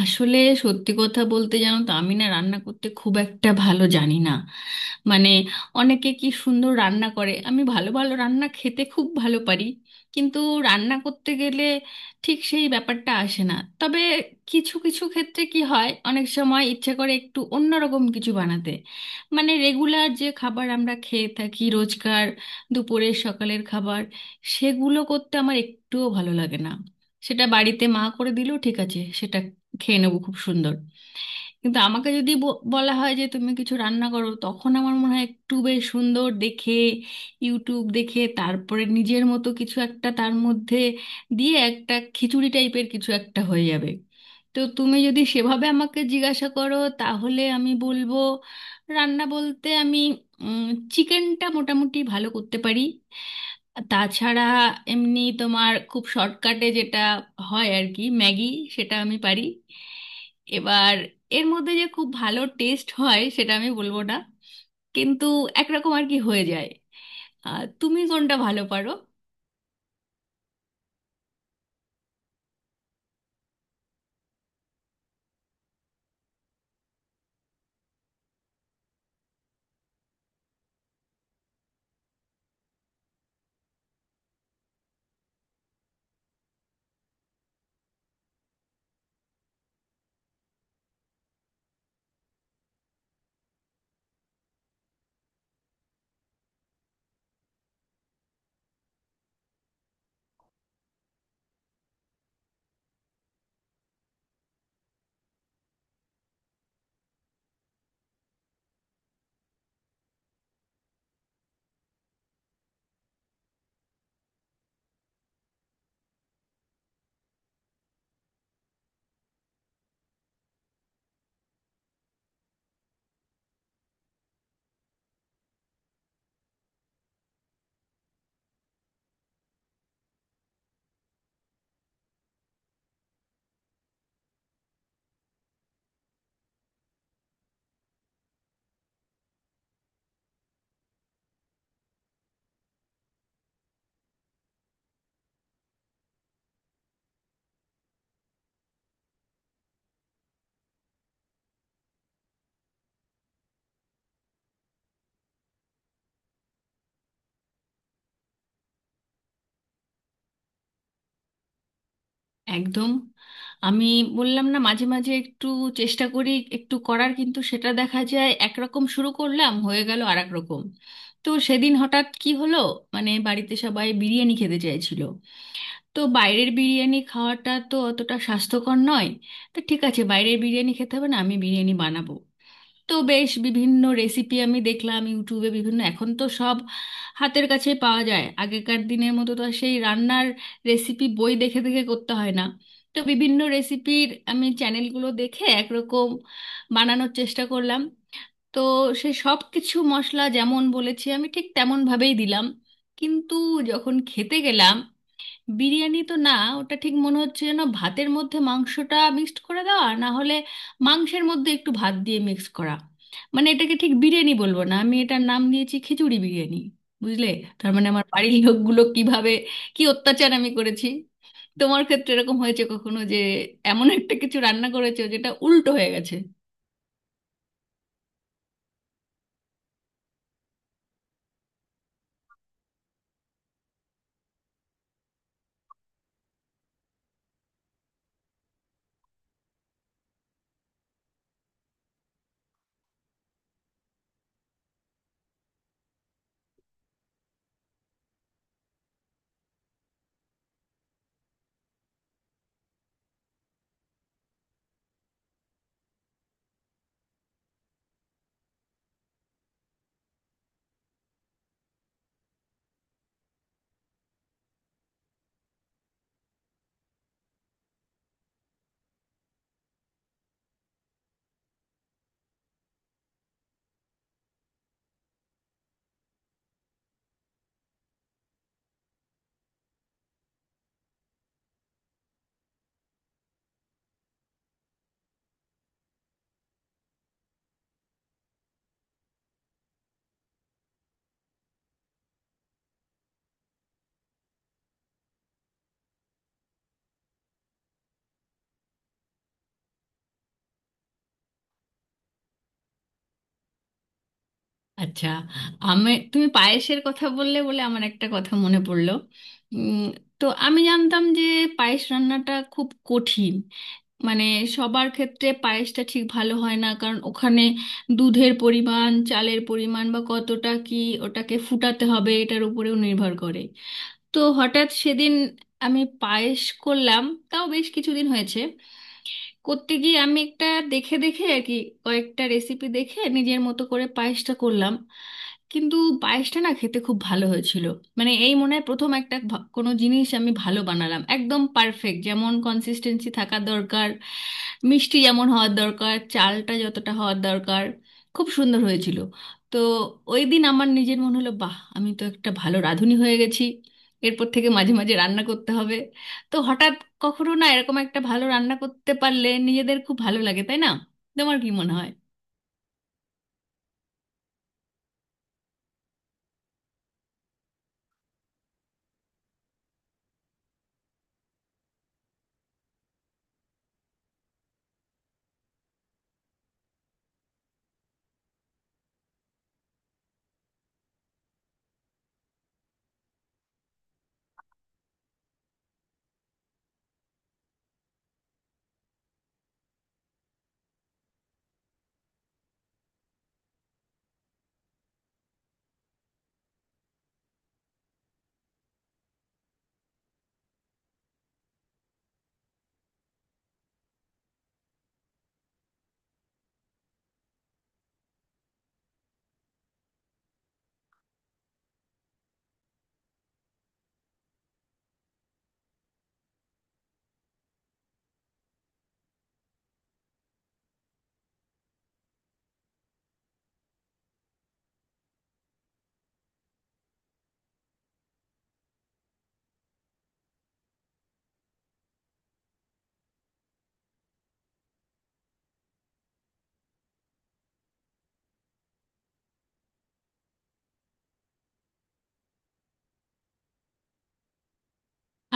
আসলে, সত্যি কথা বলতে জানো তো আমি না রান্না করতে খুব একটা ভালো জানি না। মানে অনেকে কি সুন্দর রান্না করে, আমি ভালো ভালো রান্না খেতে খুব ভালো পারি, কিন্তু রান্না করতে গেলে ঠিক সেই ব্যাপারটা আসে না। তবে কিছু কিছু ক্ষেত্রে কি হয়, অনেক সময় ইচ্ছে করে একটু অন্যরকম কিছু বানাতে। মানে রেগুলার যে খাবার আমরা খেয়ে থাকি রোজকার, দুপুরের সকালের খাবার, সেগুলো করতে আমার একটুও ভালো লাগে না। সেটা বাড়িতে মা করে দিল, ঠিক আছে, সেটা খেয়ে নেবো, খুব সুন্দর। কিন্তু আমাকে যদি বলা হয় যে তুমি কিছু রান্না করো, তখন আমার মনে হয় একটু বেশ সুন্দর দেখে ইউটিউব দেখে, তারপরে নিজের মতো কিছু একটা তার মধ্যে দিয়ে একটা খিচুড়ি টাইপের কিছু একটা হয়ে যাবে। তো তুমি যদি সেভাবে আমাকে জিজ্ঞাসা করো, তাহলে আমি বলবো রান্না বলতে আমি চিকেনটা মোটামুটি ভালো করতে পারি। তাছাড়া এমনি তোমার খুব শর্টকাটে যেটা হয় আর কি, ম্যাগি, সেটা আমি পারি। এবার এর মধ্যে যে খুব ভালো টেস্ট হয় সেটা আমি বলবো না, কিন্তু একরকম আর কি হয়ে যায়। তুমি কোনটা ভালো পারো? একদম, আমি বললাম না মাঝে মাঝে একটু চেষ্টা করি একটু করার, কিন্তু সেটা দেখা যায় একরকম শুরু করলাম, হয়ে গেল আর এক রকম। তো সেদিন হঠাৎ কি হলো, মানে বাড়িতে সবাই বিরিয়ানি খেতে চাইছিল। তো বাইরের বিরিয়ানি খাওয়াটা তো অতটা স্বাস্থ্যকর নয়, তো ঠিক আছে, বাইরের বিরিয়ানি খেতে হবে না, আমি বিরিয়ানি বানাবো। তো বেশ বিভিন্ন রেসিপি আমি দেখলাম ইউটিউবে, বিভিন্ন, এখন তো সব হাতের কাছে পাওয়া যায়, আগেকার দিনের মতো তো আর সেই রান্নার রেসিপি বই দেখে দেখে করতে হয় না। তো বিভিন্ন রেসিপির আমি চ্যানেলগুলো দেখে একরকম বানানোর চেষ্টা করলাম। তো সে সব কিছু মশলা যেমন বলেছি আমি ঠিক তেমন ভাবেই দিলাম, কিন্তু যখন খেতে গেলাম, বিরিয়ানি তো না, ওটা ঠিক মনে হচ্ছে যেন ভাতের মধ্যে মাংসটা মিক্সড করে দেওয়া, না হলে মাংসের মধ্যে একটু ভাত দিয়ে মিক্স করা। মানে এটাকে ঠিক বিরিয়ানি বলবো না, আমি এটার নাম দিয়েছি খিচুড়ি বিরিয়ানি। বুঝলে? তার মানে আমার বাড়ির লোকগুলো কিভাবে, কি অত্যাচার আমি করেছি। তোমার ক্ষেত্রে এরকম হয়েছে কখনো, যে এমন একটা কিছু রান্না করেছো যেটা উল্টো হয়ে গেছে? আচ্ছা, আমি তুমি পায়েসের কথা বললে বলে আমার একটা কথা মনে পড়লো। উম, তো আমি জানতাম যে পায়েস রান্নাটা খুব কঠিন। মানে সবার ক্ষেত্রে পায়েসটা ঠিক ভালো হয় না, কারণ ওখানে দুধের পরিমাণ, চালের পরিমাণ বা কতটা কি ওটাকে ফুটাতে হবে, এটার উপরেও নির্ভর করে। তো হঠাৎ সেদিন আমি পায়েস করলাম, তাও বেশ কিছুদিন হয়েছে। করতে গিয়ে আমি একটা দেখে দেখে আর কি, কয়েকটা রেসিপি দেখে নিজের মতো করে পায়েসটা করলাম। কিন্তু পায়েসটা না খেতে খুব ভালো হয়েছিল। মানে এই মনে হয় প্রথম একটা কোনো জিনিস আমি ভালো বানালাম, একদম পারফেক্ট, যেমন কনসিস্টেন্সি থাকা দরকার, মিষ্টি যেমন হওয়ার দরকার, চালটা যতটা হওয়ার দরকার, খুব সুন্দর হয়েছিল। তো ওই দিন আমার নিজের মনে হলো, বাহ, আমি তো একটা ভালো রাঁধুনি হয়ে গেছি, এরপর থেকে মাঝে মাঝে রান্না করতে হবে। তো হঠাৎ কখনো না এরকম একটা ভালো রান্না করতে পারলে নিজেদের খুব ভালো লাগে, তাই না? তোমার কি মনে হয়?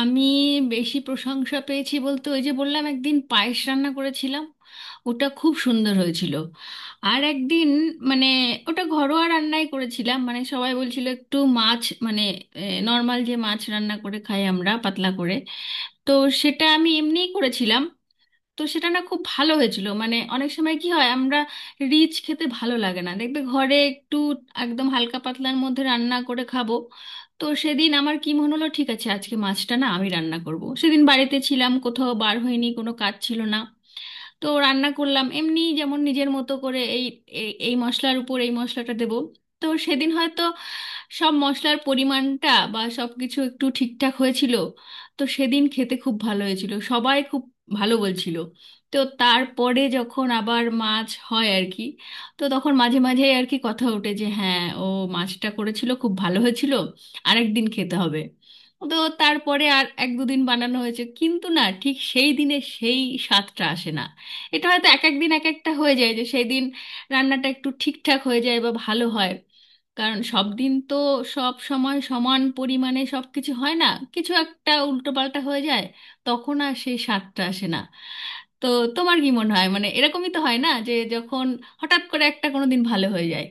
আমি বেশি প্রশংসা পেয়েছি বলতে, ওই যে বললাম একদিন পায়েস রান্না করেছিলাম, ওটা খুব সুন্দর হয়েছিল। আর একদিন, মানে ওটা ঘরোয়া রান্নাই করেছিলাম, মানে সবাই বলছিল একটু মাছ, মানে নর্মাল যে মাছ রান্না করে খাই আমরা, পাতলা করে, তো সেটা আমি এমনিই করেছিলাম। তো সেটা না খুব ভালো হয়েছিল। মানে অনেক সময় কি হয়, আমরা রিচ খেতে ভালো লাগে না, দেখবে ঘরে একটু একদম হালকা পাতলার মধ্যে রান্না করে খাবো। তো সেদিন আমার কি মনে হলো, ঠিক আছে আজকে মাছটা না আমি রান্না করব। সেদিন বাড়িতে ছিলাম, কোথাও বার হইনি, কোনো কাজ ছিল না। তো রান্না করলাম এমনি যেমন নিজের মতো করে, এই এই এই মশলার উপর এই মশলাটা দেবো। তো সেদিন হয়তো সব মশলার পরিমাণটা বা সব কিছু একটু ঠিকঠাক হয়েছিল। তো সেদিন খেতে খুব ভালো হয়েছিল, সবাই খুব ভালো বলছিল। তো তারপরে যখন আবার মাছ হয় আর কি, তো তখন মাঝে মাঝে আর কি কথা ওঠে যে হ্যাঁ, ও মাছটা করেছিল খুব ভালো হয়েছিল, আরেকদিন খেতে হবে। তো তারপরে আর এক দুদিন বানানো হয়েছে, কিন্তু না, ঠিক সেই দিনে সেই স্বাদটা আসে না। এটা হয়তো এক এক দিন এক একটা হয়ে যায়, যে সেই দিন রান্নাটা একটু ঠিকঠাক হয়ে যায় বা ভালো হয়। কারণ সব দিন তো সব সময় সমান পরিমাণে সব কিছু হয় না, কিছু একটা উল্টোপাল্টা হয়ে যায়, তখন আর সেই স্বাদটা আসে না। তো তোমার কি মনে হয়, মানে এরকমই তো হয় না, যে যখন হঠাৎ করে একটা কোনো দিন ভালো হয়ে যায়?